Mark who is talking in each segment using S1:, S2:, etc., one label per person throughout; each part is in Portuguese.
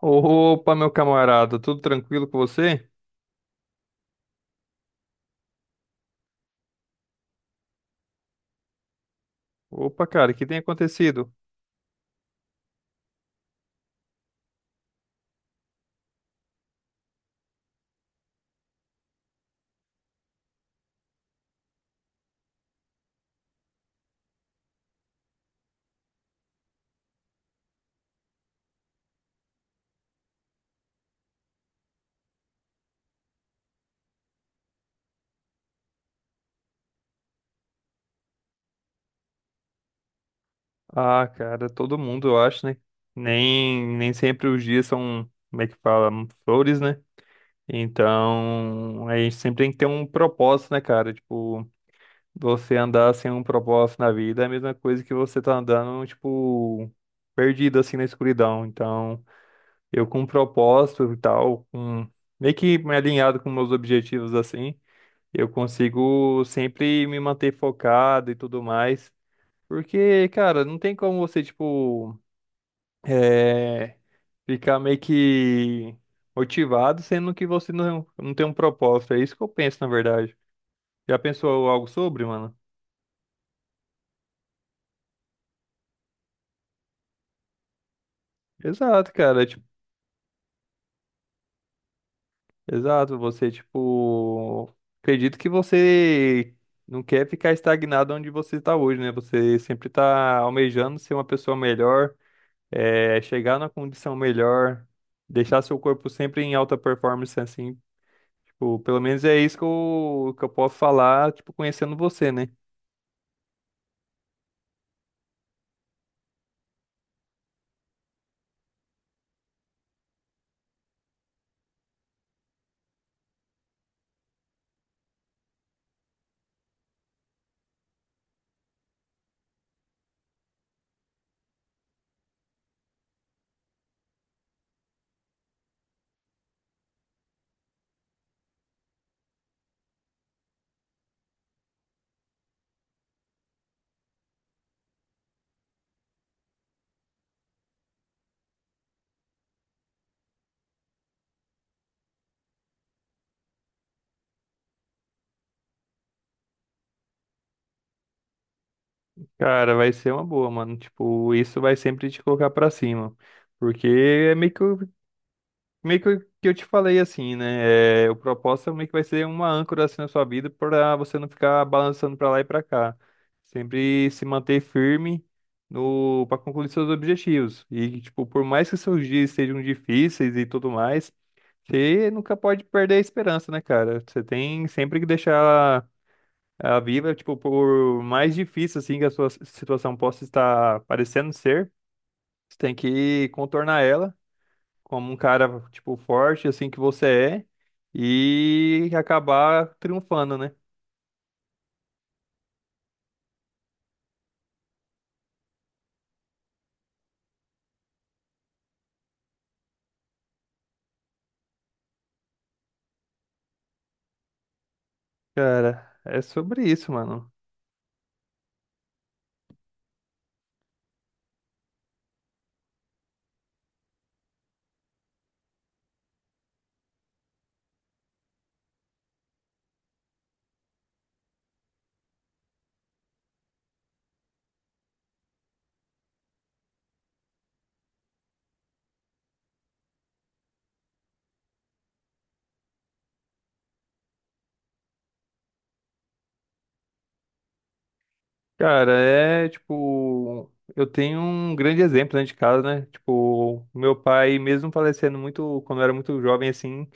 S1: Opa, meu camarada, tudo tranquilo com você? Opa, cara, o que tem acontecido? Ah, cara, todo mundo, eu acho, né? Nem sempre os dias são, como é que fala, flores, né? Então, a gente sempre tem que ter um propósito, né, cara? Tipo, você andar sem um propósito na vida é a mesma coisa que você tá andando, tipo, perdido, assim, na escuridão. Então, eu com um propósito e tal, com, meio que me alinhado com meus objetivos, assim. Eu consigo sempre me manter focado e tudo mais. Porque, cara, não tem como você, tipo, é, ficar meio que motivado, sendo que você não tem um propósito. É isso que eu penso, na verdade. Já pensou algo sobre, mano? Exato, cara. Tipo, exato. Você, tipo, acredito que você não quer ficar estagnado onde você está hoje, né? Você sempre tá almejando ser uma pessoa melhor é, chegar na condição melhor, deixar seu corpo sempre em alta performance, assim, tipo, pelo menos é isso que eu posso falar, tipo, conhecendo você, né? Cara, vai ser uma boa, mano, tipo, isso vai sempre te colocar pra cima, porque é meio que eu te falei assim, né? É, o propósito é meio que vai ser uma âncora assim na sua vida para você não ficar balançando para lá e para cá. Sempre se manter firme no para concluir seus objetivos. E tipo, por mais que seus dias sejam difíceis e tudo mais, você nunca pode perder a esperança, né, cara? Você tem sempre que deixar ela viva, tipo, por mais difícil assim que a sua situação possa estar parecendo ser, você tem que contornar ela como um cara, tipo, forte, assim que você é, e acabar triunfando, né? Cara, é sobre isso, mano. Cara, é tipo, eu tenho um grande exemplo dentro de casa, né? Tipo, meu pai, mesmo falecendo muito, quando eu era muito jovem, assim,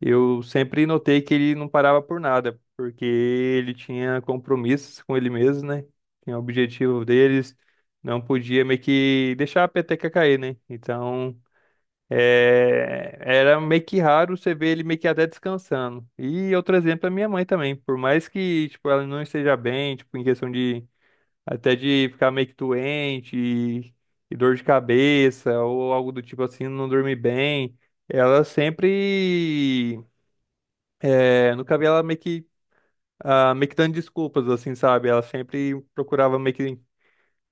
S1: eu sempre notei que ele não parava por nada, porque ele tinha compromissos com ele mesmo, né? Tinha o objetivo deles, não podia meio que deixar a peteca cair, né? Então. É, era meio que raro você ver ele meio que até descansando. E outro exemplo é minha mãe também. Por mais que, tipo, ela não esteja bem, tipo, em questão de até de ficar meio que doente e dor de cabeça ou algo do tipo assim, não dormir bem, ela sempre, é, nunca vi ela meio que, ah, meio que dando desculpas, assim, sabe? Ela sempre procurava meio que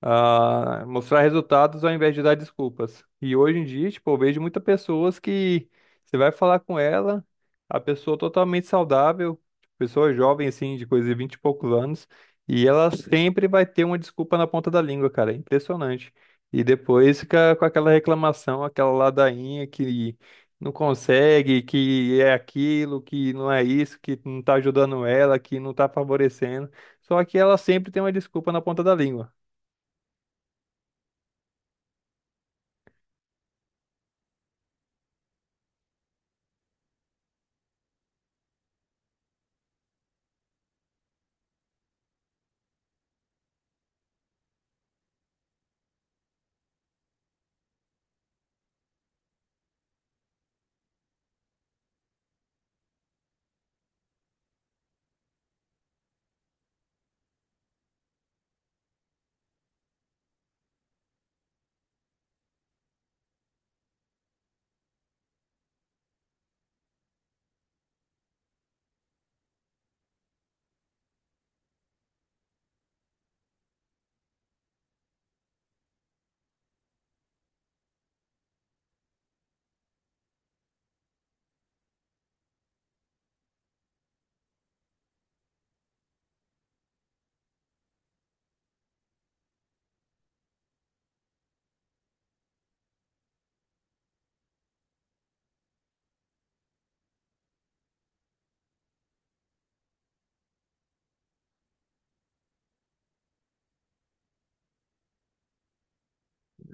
S1: ah, mostrar resultados ao invés de dar desculpas. E hoje em dia, tipo, eu vejo muitas pessoas que você vai falar com ela, a pessoa totalmente saudável, pessoa jovem, assim, de coisa de 20 e poucos anos, e ela sempre vai ter uma desculpa na ponta da língua, cara. É impressionante. E depois fica com aquela reclamação, aquela ladainha que não consegue, que é aquilo, que não é isso, que não tá ajudando ela, que não tá favorecendo. Só que ela sempre tem uma desculpa na ponta da língua.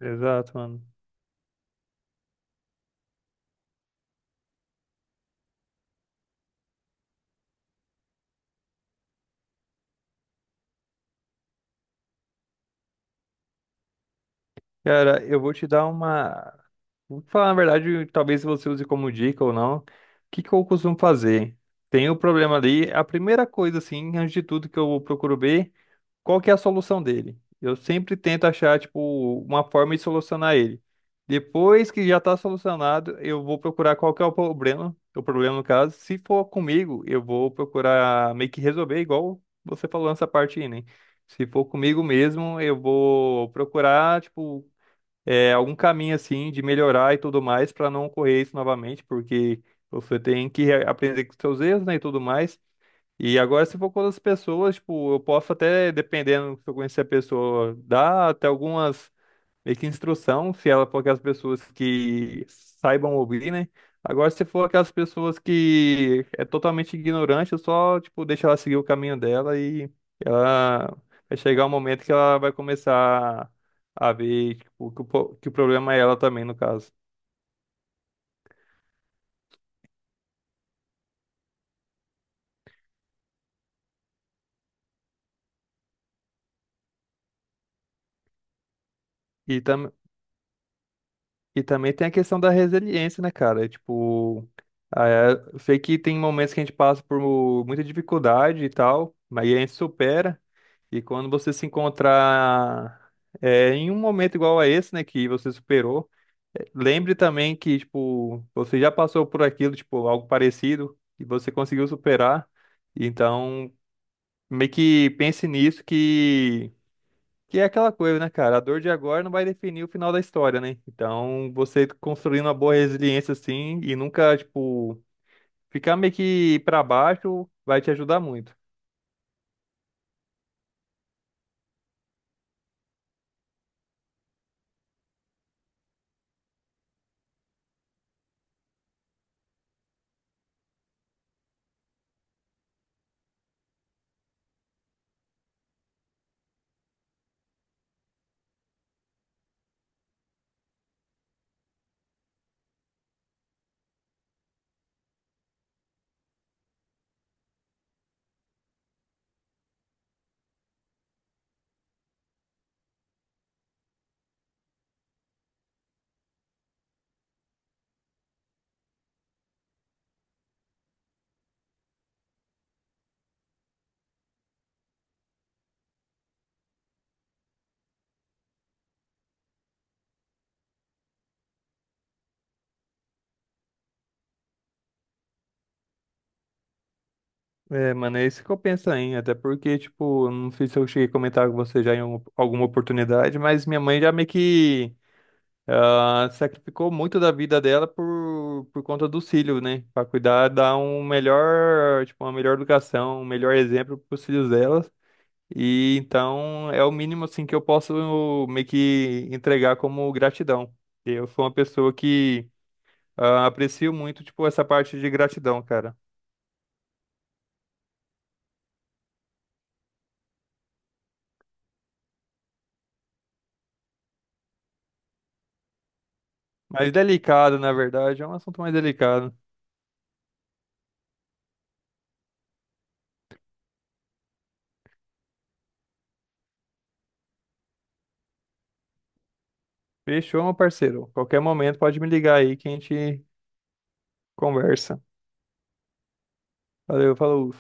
S1: Exato, mano. Cara, eu vou te dar uma. Vou falar, na verdade, talvez você use como dica ou não. O que que eu costumo fazer? Tem o problema ali. A primeira coisa, assim, antes de tudo que eu procuro ver. Qual que é a solução dele? Eu sempre tento achar, tipo, uma forma de solucionar ele. Depois que já está solucionado, eu vou procurar qual que é o problema no caso. Se for comigo, eu vou procurar meio que resolver, igual você falou nessa parte aí, né? Se for comigo mesmo, eu vou procurar, tipo, é, algum caminho assim de melhorar e tudo mais para não ocorrer isso novamente, porque você tem que aprender com seus erros, né, e tudo mais. E agora, se for com outras pessoas, tipo, eu posso até, dependendo se eu conhecer a pessoa, dar até algumas meio que instrução, se ela for aquelas pessoas que saibam ouvir, né? Agora, se for aquelas pessoas que é totalmente ignorante, eu só, tipo, deixo ela seguir o caminho dela e ela vai chegar um momento que ela vai começar a ver, tipo, que o, que o problema é ela também, no caso. E tam, E também tem a questão da resiliência, né, cara? É, tipo, ah, é, eu sei que tem momentos que a gente passa por muita dificuldade e tal, mas aí a gente supera. E quando você se encontrar é, em um momento igual a esse, né, que você superou, é, lembre também que, tipo, você já passou por aquilo, tipo, algo parecido, e você conseguiu superar. Então, meio que pense nisso que. Que é aquela coisa, né, cara? A dor de agora não vai definir o final da história, né? Então, você construindo uma boa resiliência assim e nunca, tipo, ficar meio que pra baixo vai te ajudar muito. É, mano, é isso que eu penso aí, até porque, tipo, não sei se eu cheguei a comentar com você já em alguma oportunidade, mas minha mãe já meio que ah, sacrificou muito da vida dela por conta dos filhos, né? Pra cuidar, dar um melhor, tipo, uma melhor educação, um melhor exemplo pros filhos dela. E então é o mínimo assim que eu posso meio que entregar como gratidão. Eu sou uma pessoa que ah, aprecio muito, tipo, essa parte de gratidão, cara. Mais delicado, na verdade, é um assunto mais delicado. Fechou, meu parceiro. Qualquer momento pode me ligar aí que a gente conversa. Valeu, falou.